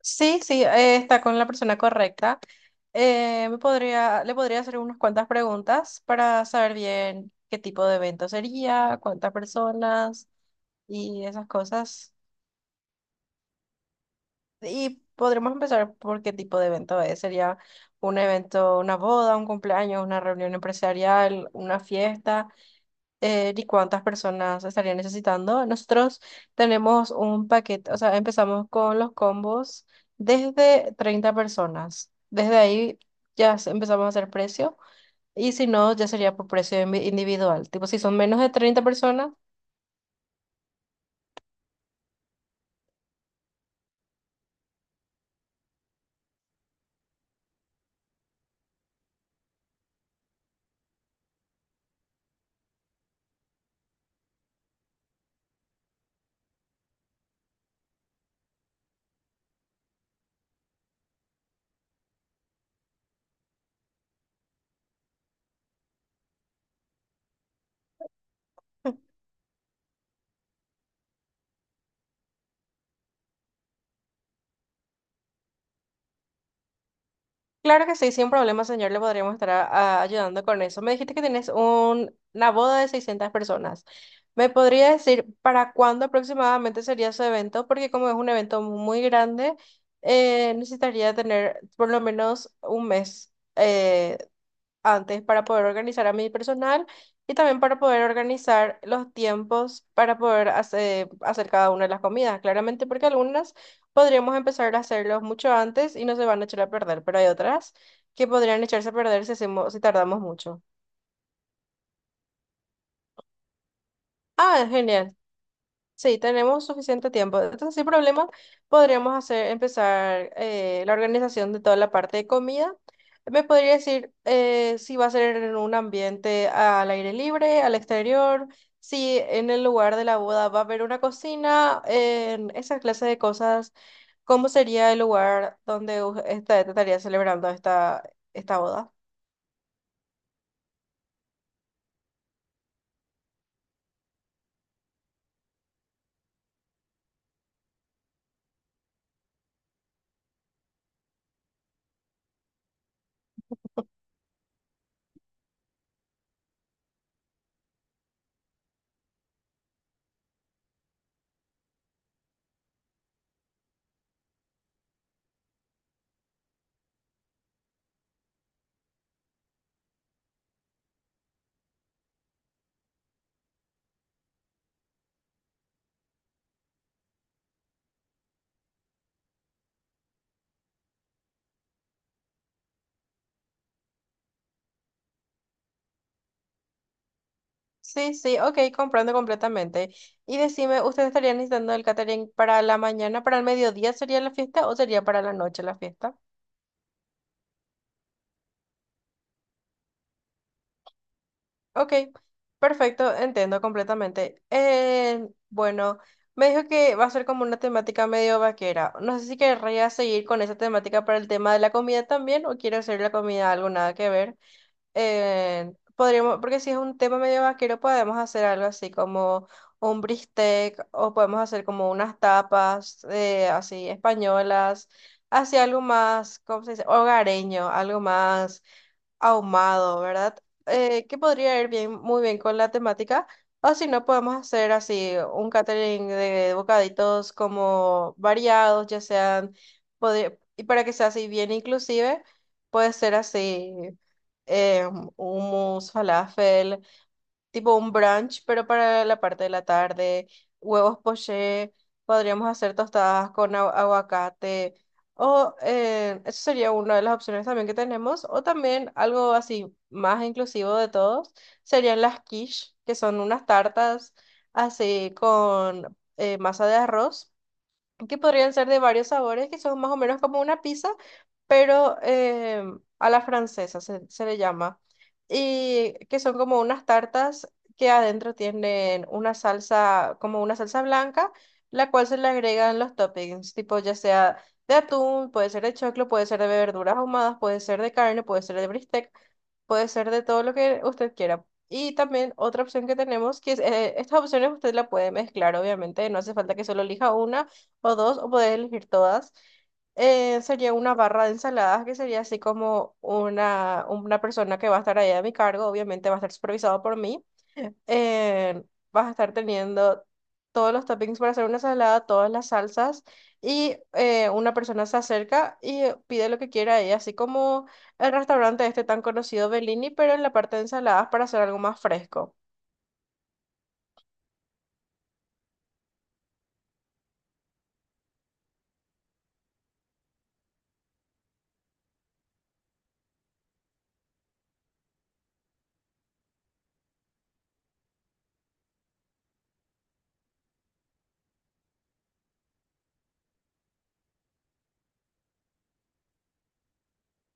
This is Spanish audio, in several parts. Sí, sí, está con la persona correcta. Le podría hacer unas cuantas preguntas para saber bien qué tipo de evento sería, cuántas personas y esas cosas. Y podremos empezar por qué tipo de evento es. ¿Sería un evento, una boda, un cumpleaños, una reunión empresarial, una fiesta? Ni cuántas personas estarían necesitando. Nosotros tenemos un paquete, o sea, empezamos con los combos desde 30 personas. Desde ahí empezamos a hacer precio y si no, ya sería por precio individual. Tipo, si son menos de 30 personas. Claro que sí, sin problema, señor, le podríamos estar ayudando con eso. Me dijiste que tienes una boda de 600 personas. ¿Me podría decir para cuándo aproximadamente sería su evento? Porque como es un evento muy grande, necesitaría tener por lo menos un mes eh, antes para poder organizar a mi personal y también para poder organizar los tiempos para poder hacer cada una de las comidas, claramente porque algunas podríamos empezar a hacerlos mucho antes y no se van a echar a perder, pero hay otras que podrían echarse a perder si hacemos, si tardamos mucho. Ah, genial. Sí, tenemos suficiente tiempo. Entonces, sin problema, podríamos empezar la organización de toda la parte de comida. ¿Me podría decir si va a ser en un ambiente al aire libre, al exterior? Si en el lugar de la boda va a haber una cocina, en esa clase de cosas, ¿cómo sería el lugar donde estaría celebrando esta, esta boda? Sí, sí, ok, comprendo completamente. Y decime, ¿ustedes estarían necesitando el catering para la mañana, para el mediodía sería la fiesta o sería para la noche la fiesta? Ok, perfecto, entiendo completamente. Bueno, me dijo que va a ser como una temática medio vaquera. No sé si querría seguir con esa temática para el tema de la comida también o quiero hacer la comida algo nada que ver. Podríamos, porque si es un tema medio vaquero, podemos hacer algo así como un bistec o podemos hacer como unas tapas así españolas, así algo más, ¿cómo se dice? Hogareño, algo más ahumado, ¿verdad? Que podría ir bien, muy bien con la temática. O si no, podemos hacer así un catering de bocaditos como variados, ya sean, y para que sea así bien inclusive, puede ser así eh, hummus, falafel, tipo un brunch, pero para la parte de la tarde, huevos poché, podríamos hacer tostadas con aguacate, o eso sería una de las opciones también que tenemos, o también algo así más inclusivo de todos, serían las quiche, que son unas tartas así con masa de arroz que podrían ser de varios sabores, que son más o menos como una pizza, pero a la francesa se le llama. Y que son como unas tartas que adentro tienen una salsa, como una salsa blanca, la cual se le agregan los toppings, tipo ya sea de atún, puede ser de choclo, puede ser de verduras ahumadas, puede ser de carne, puede ser de bistec, puede ser de todo lo que usted quiera. Y también otra opción que tenemos, que es, estas opciones usted la puede mezclar, obviamente, no hace falta que solo elija una o dos, o podés elegir todas. Sería una barra de ensaladas que sería así como una persona que va a estar ahí a mi cargo, obviamente va a estar supervisado por mí. eh, Vas a estar teniendo todos los toppings para hacer una ensalada, todas las salsas y una persona se acerca y pide lo que quiera ahí, así como el restaurante este tan conocido Bellini, pero en la parte de ensaladas para hacer algo más fresco.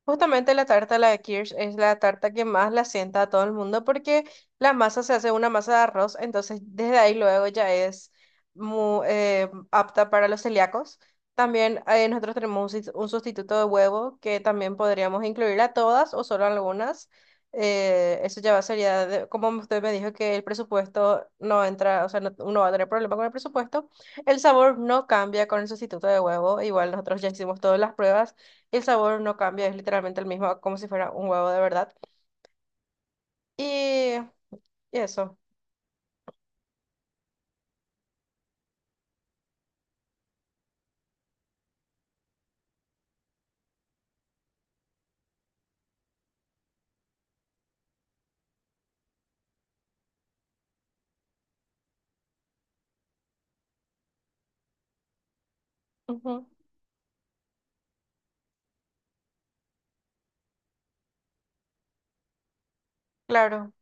Justamente la tarta, la de Kirsch, es la tarta que más la sienta a todo el mundo porque la masa se hace una masa de arroz, entonces desde ahí luego ya es apta para los celíacos. También nosotros tenemos un sustituto de huevo que también podríamos incluir a todas o solo a algunas. Eso ya va sería, como usted me dijo que el presupuesto no entra, o sea, no, uno va a tener problema con el presupuesto. El sabor no cambia con el sustituto de huevo, igual nosotros ya hicimos todas las pruebas. El sabor no cambia, es literalmente el mismo, como si fuera un huevo de verdad. Y, y eso. Ujú. Claro.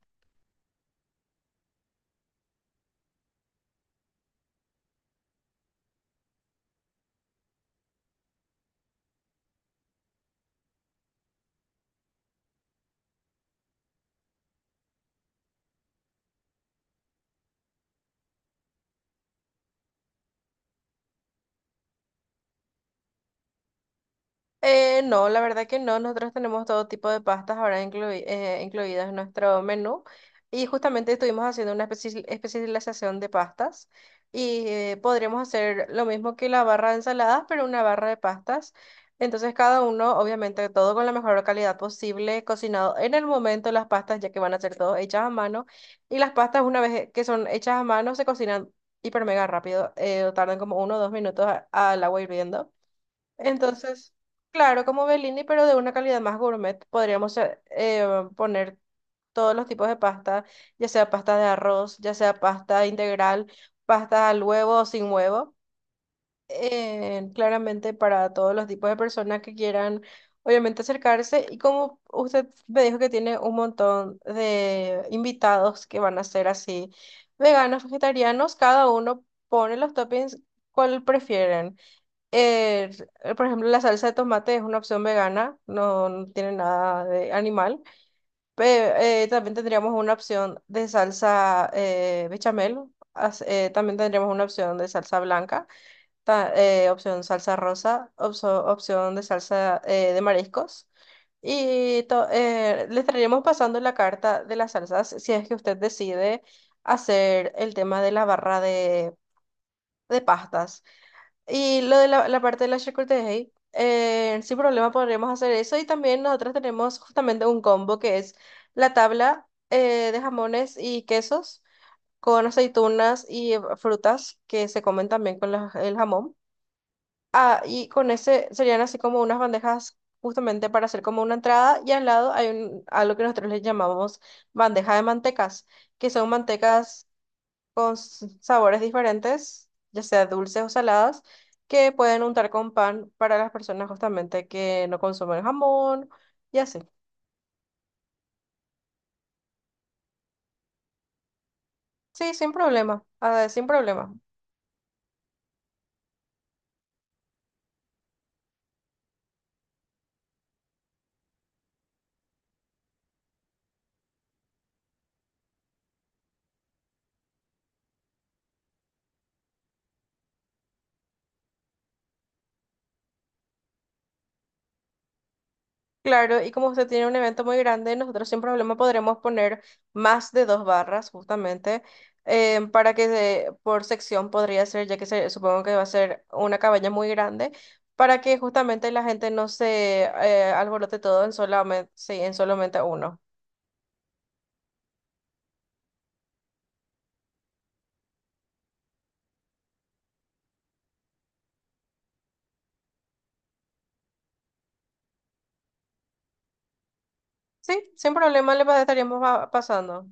No, la verdad que no. Nosotros tenemos todo tipo de pastas ahora incluidas en nuestro menú. Y justamente estuvimos haciendo una especialización de pastas. Y podríamos hacer lo mismo que la barra de ensaladas, pero una barra de pastas. Entonces, cada uno, obviamente, todo con la mejor calidad posible, cocinado en el momento las pastas, ya que van a ser todas hechas a mano. Y las pastas, una vez que son hechas a mano, se cocinan hiper mega rápido. Tardan como 1 o 2 minutos al agua hirviendo. Entonces, claro, como Bellini, pero de una calidad más gourmet, podríamos poner todos los tipos de pasta, ya sea pasta de arroz, ya sea pasta integral, pasta al huevo o sin huevo. Claramente para todos los tipos de personas que quieran, obviamente, acercarse. Y como usted me dijo que tiene un montón de invitados que van a ser así, veganos, vegetarianos, cada uno pone los toppings cuál prefieren. Eh, por ejemplo, la salsa de tomate es una opción vegana, no tiene nada de animal. Pero también tendríamos una opción de salsa bechamel. También tendríamos una opción de salsa blanca, opción salsa rosa, opción de salsa de mariscos. Le estaríamos pasando la carta de las salsas si es que usted decide hacer el tema de la barra de pastas. Y lo de la parte de la charcutería, sin problema podríamos hacer eso. Y también nosotros tenemos justamente un combo que es la tabla de jamones y quesos con aceitunas y frutas que se comen también con el jamón. Ah, y con ese serían así como unas bandejas justamente para hacer como una entrada. Y al lado hay un, algo que nosotros le llamamos bandeja de mantecas, que son mantecas con sabores diferentes, ya sea dulces o saladas, que pueden untar con pan para las personas justamente que no consumen jamón y así. Sí, sin problema, ah, sin problema. Claro, y como usted tiene un evento muy grande, nosotros sin problema podremos poner más de dos barras justamente para que por sección podría ser, ya que se, supongo que va a ser una cabaña muy grande, para que justamente la gente no se alborote todo en solamente, sí, en solamente uno. Sí, sin problema estaríamos pasando.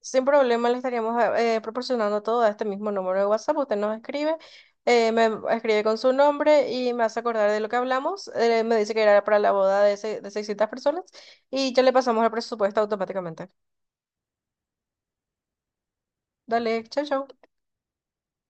Sin problema le estaríamos proporcionando todo a este mismo número de WhatsApp. Usted nos escribe, me escribe con su nombre y me hace acordar de lo que hablamos. Me dice que era para la boda de 600 personas y ya le pasamos el presupuesto automáticamente. Dale, chao, chao.